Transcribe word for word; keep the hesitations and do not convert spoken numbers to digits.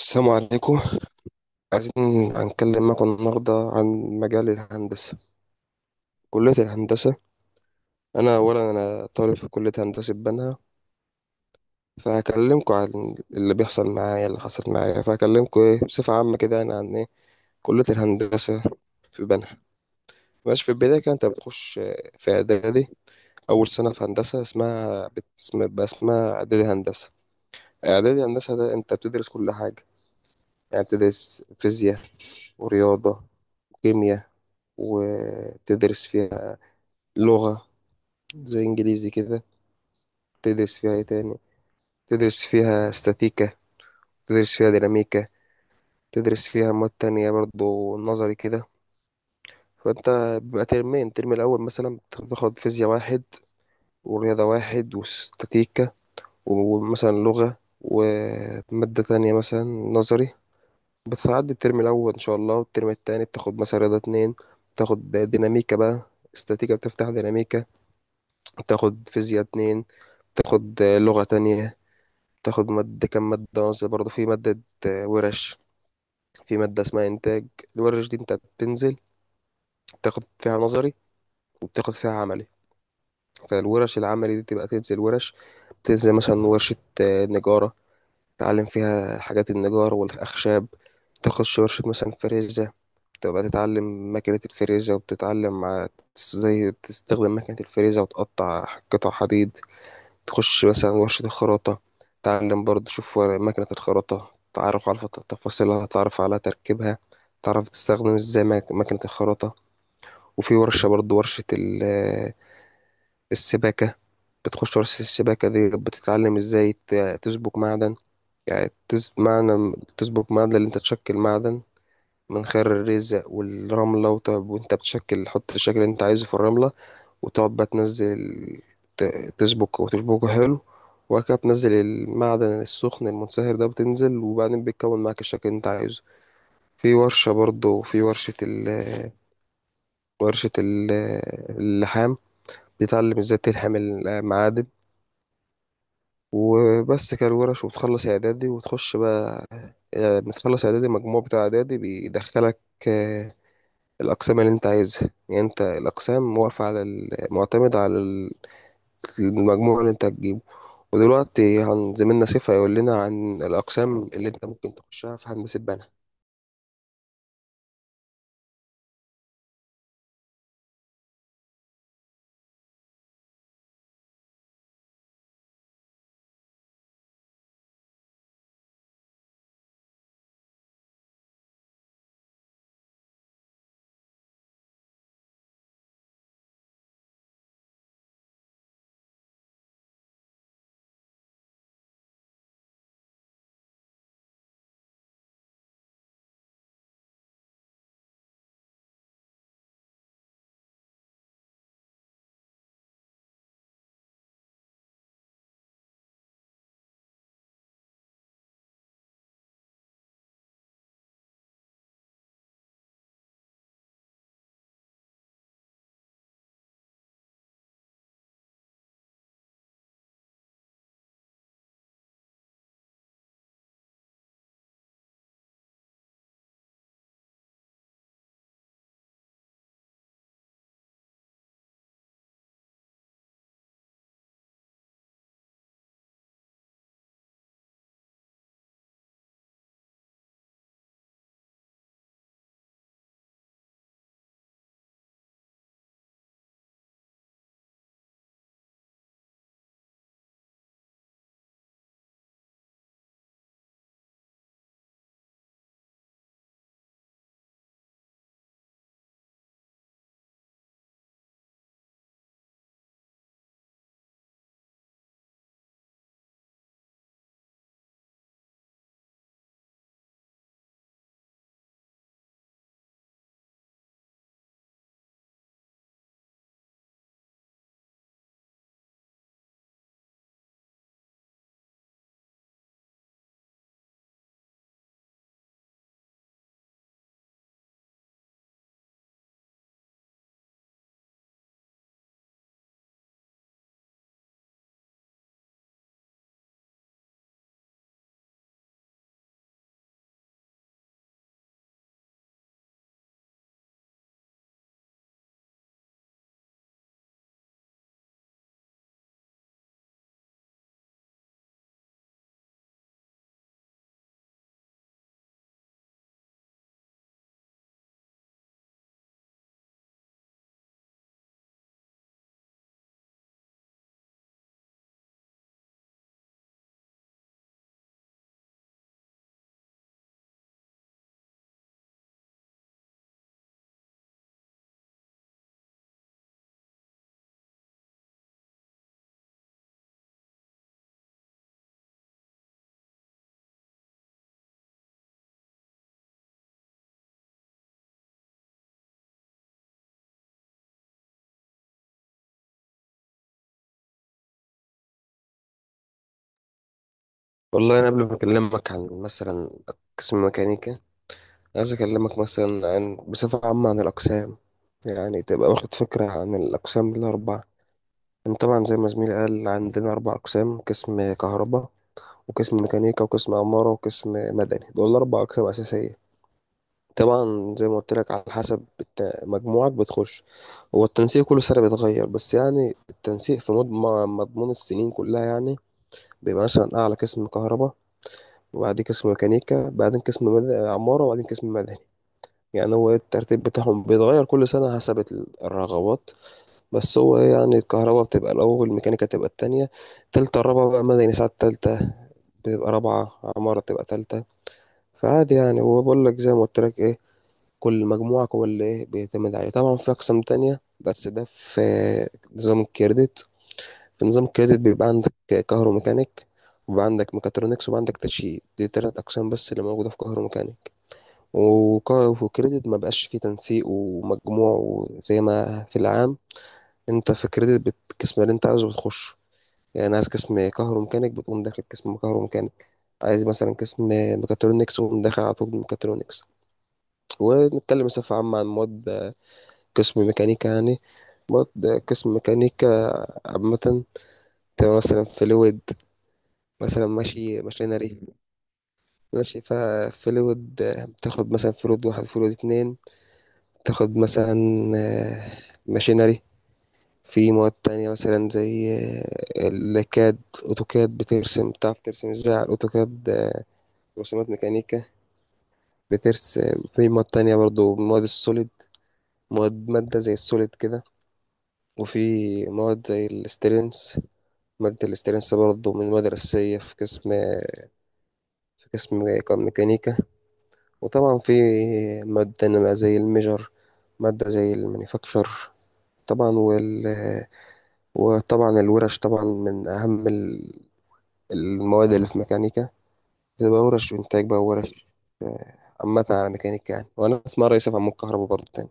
السلام عليكم. عايزين هنتكلم معاكم النهاردة عن مجال الهندسة، كلية الهندسة. أنا أولا أنا طالب في كلية هندسة بنها، فهكلمكم عن اللي بيحصل معايا اللي حصل معايا، فهكلمكم إيه بصفة عامة كده يعني عن إيه كلية الهندسة في بنها. ماشي، في البداية كده أنت بتخش في إعدادي. أول سنة في هندسة اسمها بت- اسم- بقى اسمها إعدادي هندسة. إعدادي هندسة ده أنت بتدرس كل حاجة، يعني بتدرس فيزياء ورياضة وكيمياء، وتدرس فيها لغة زي إنجليزي كده. تدرس فيها إيه تاني؟ تدرس فيها استاتيكا، تدرس فيها ديناميكا، تدرس فيها مواد تانية برضو نظري كده. فأنت بيبقى ترمين. الترم الأول مثلا بتاخد فيزياء واحد ورياضة واحد واستاتيكا ومثلا لغة ومادة تانية مثلا نظري. بتعدي الترم الأول إن شاء الله، والترم التاني بتاخد مثلا رياضة اتنين، بتاخد ديناميكا بقى، استاتيكا بتفتح ديناميكا، بتاخد فيزياء اتنين، بتاخد لغة تانية، تاخد مادة كام مادة نظري برضه. في مادة آه، ورش، في مادة اسمها إنتاج. الورش دي أنت بتنزل تاخد فيها نظري وبتاخد فيها عملي. فالورش العملي دي تبقى تنزل ورش. تنزل مثلا ورشة آه، نجارة، تتعلم فيها حاجات النجار والأخشاب. تاخد ورشة مثلا فريزة، تبقى تتعلم ماكينة الفريزة، وبتتعلم مع- ازاي تستخدم ماكينة الفريزة وتقطع قطع حديد. تخش مثلا ورشة الخراطة، تعلم برضه تشوف ور- مكنة الخراطة، تعرف على فت- تفاصيلها، تعرف على تركيبها، تعرف تستخدم ازاي مك- مكنة الخراطة. وفي ورشة برضه، ورشة ال- السباكة. بتخش ورشة السباكة دي بتتعلم ازاي ت- تسبك معدن. يعني تس- معنى تسبك معدن اللي انت تشكل معدن من خير الرزق والرملة، وت- وانت بتشكل تحط الشكل اللي انت عايزه في الرملة، وتقعد بقى تنزل ت- تسبك وتشبكه حلو. وبعد كده بتنزل المعدن السخن المنصهر ده، بتنزل وبعدين بيتكون معاك الشكل اللي انت عايزه. في ورشة برضه، في ورشة ال ورشة ال- اللحام، بتتعلم ازاي تلحم المعادن. وبس كده الورش. وبتخلص اعدادي وتخش بقى، يعني بتخلص اعدادي المجموع بتاع اعدادي بيدخلك آه، الاقسام اللي انت عايزها. يعني انت الاقسام واقفة على ال- معتمد على المجموع اللي انت هتجيبه. ودلوقتي هن زميلنا سيف هيقول لنا عن الأقسام اللي انت ممكن تخشها في هندسة بنا. والله أنا قبل ما أكلمك عن مثلا قسم ميكانيكا، عايز أكلمك مثلا عن بصفة عامة عن الأقسام، يعني تبقى واخد فكرة عن الأقسام الأربعة. يعني طبعا زي ما زميلي قال، عندنا أربع أقسام: قسم كهرباء وقسم ميكانيكا وقسم عمارة وقسم مدني. دول أربع أقسام أساسية. طبعا زي ما قلت لك، على حسب الت- مجموعك بتخش. هو التنسيق كل سنة بيتغير، بس يعني التنسيق في مض- م- مضمون السنين كلها يعني. بيبقى مثلا أعلى قسم كهرباء، وبعدين قسم ميكانيكا، بعدين قسم مد- عمارة، وبعدين قسم مدني. يعني هو الترتيب بتاعهم بيتغير كل سنة حسب ال- الرغبات. بس هو يعني الكهرباء بتبقى الأول، الميكانيكا تبقى التانية، تالتة الرابعة بقى مدني، ساعات تالتة بتبقى رابعة، عمارة بتبقى تالتة. فعادي يعني. هو بقول لك زي ما قلت لك إيه، كل مجموعة هو اللي إيه بيعتمد عليه. طبعا في أقسام تانية، بس ده في نظام الكريدت. في نظام الكريدت بيبقى عندك كهروميكانيك، وبيبقى عندك ميكاترونكس، وبيبقى عندك تشييد. دي تلات أقسام بس اللي موجودة في كهروميكانيك. وكا- وفي الكريدت ما بقاش فيه تنسيق ومجموع زي ما في العام. أنت في الكريدت بت- القسم اللي أنت عايزه بتخش، يعني عايز قسم كهروميكانيك بتقوم داخل قسم كهروميكانيك. عايز مثلا قسم ميكاترونكس وقوم داخل على طول ميكاترونكس. ونتكلم بصفة عامة عن مواد قسم ميكانيكا يعني. برضه قسم ميكانيكا عامة، تبقى مثلا فلويد، مثلا ماشي ماشينري. ماشي فيها فلويد، بتاخد مثلا فلويد واحد فلويد اتنين، تاخد مثلا آه، ماشينري. في مواد تانية مثلا زي آه، الكاد، أوتوكاد، بترسم بتعرف ترسم ازاي على الأوتوكاد آه، رسومات ميكانيكا. بترسم في مواد تانية برضو، مواد السوليد، مواد مادة زي السوليد كده. وفي مواد زي الستيرنس، مادة الاسترنس برضه من المدرسية في قسم في قسم كان ميكانيكا. وطبعا في مادة نبقى زي الميجر، مادة زي المانيفاكتشر. طبعا وال... وطبعا الورش طبعا من أهم ال- المواد اللي في ميكانيكا. بتبقى ورش إنتاج بقى ورش آه، عامة على ميكانيكا يعني. وأنا اسمها رئيس عمود كهرباء برضه تاني.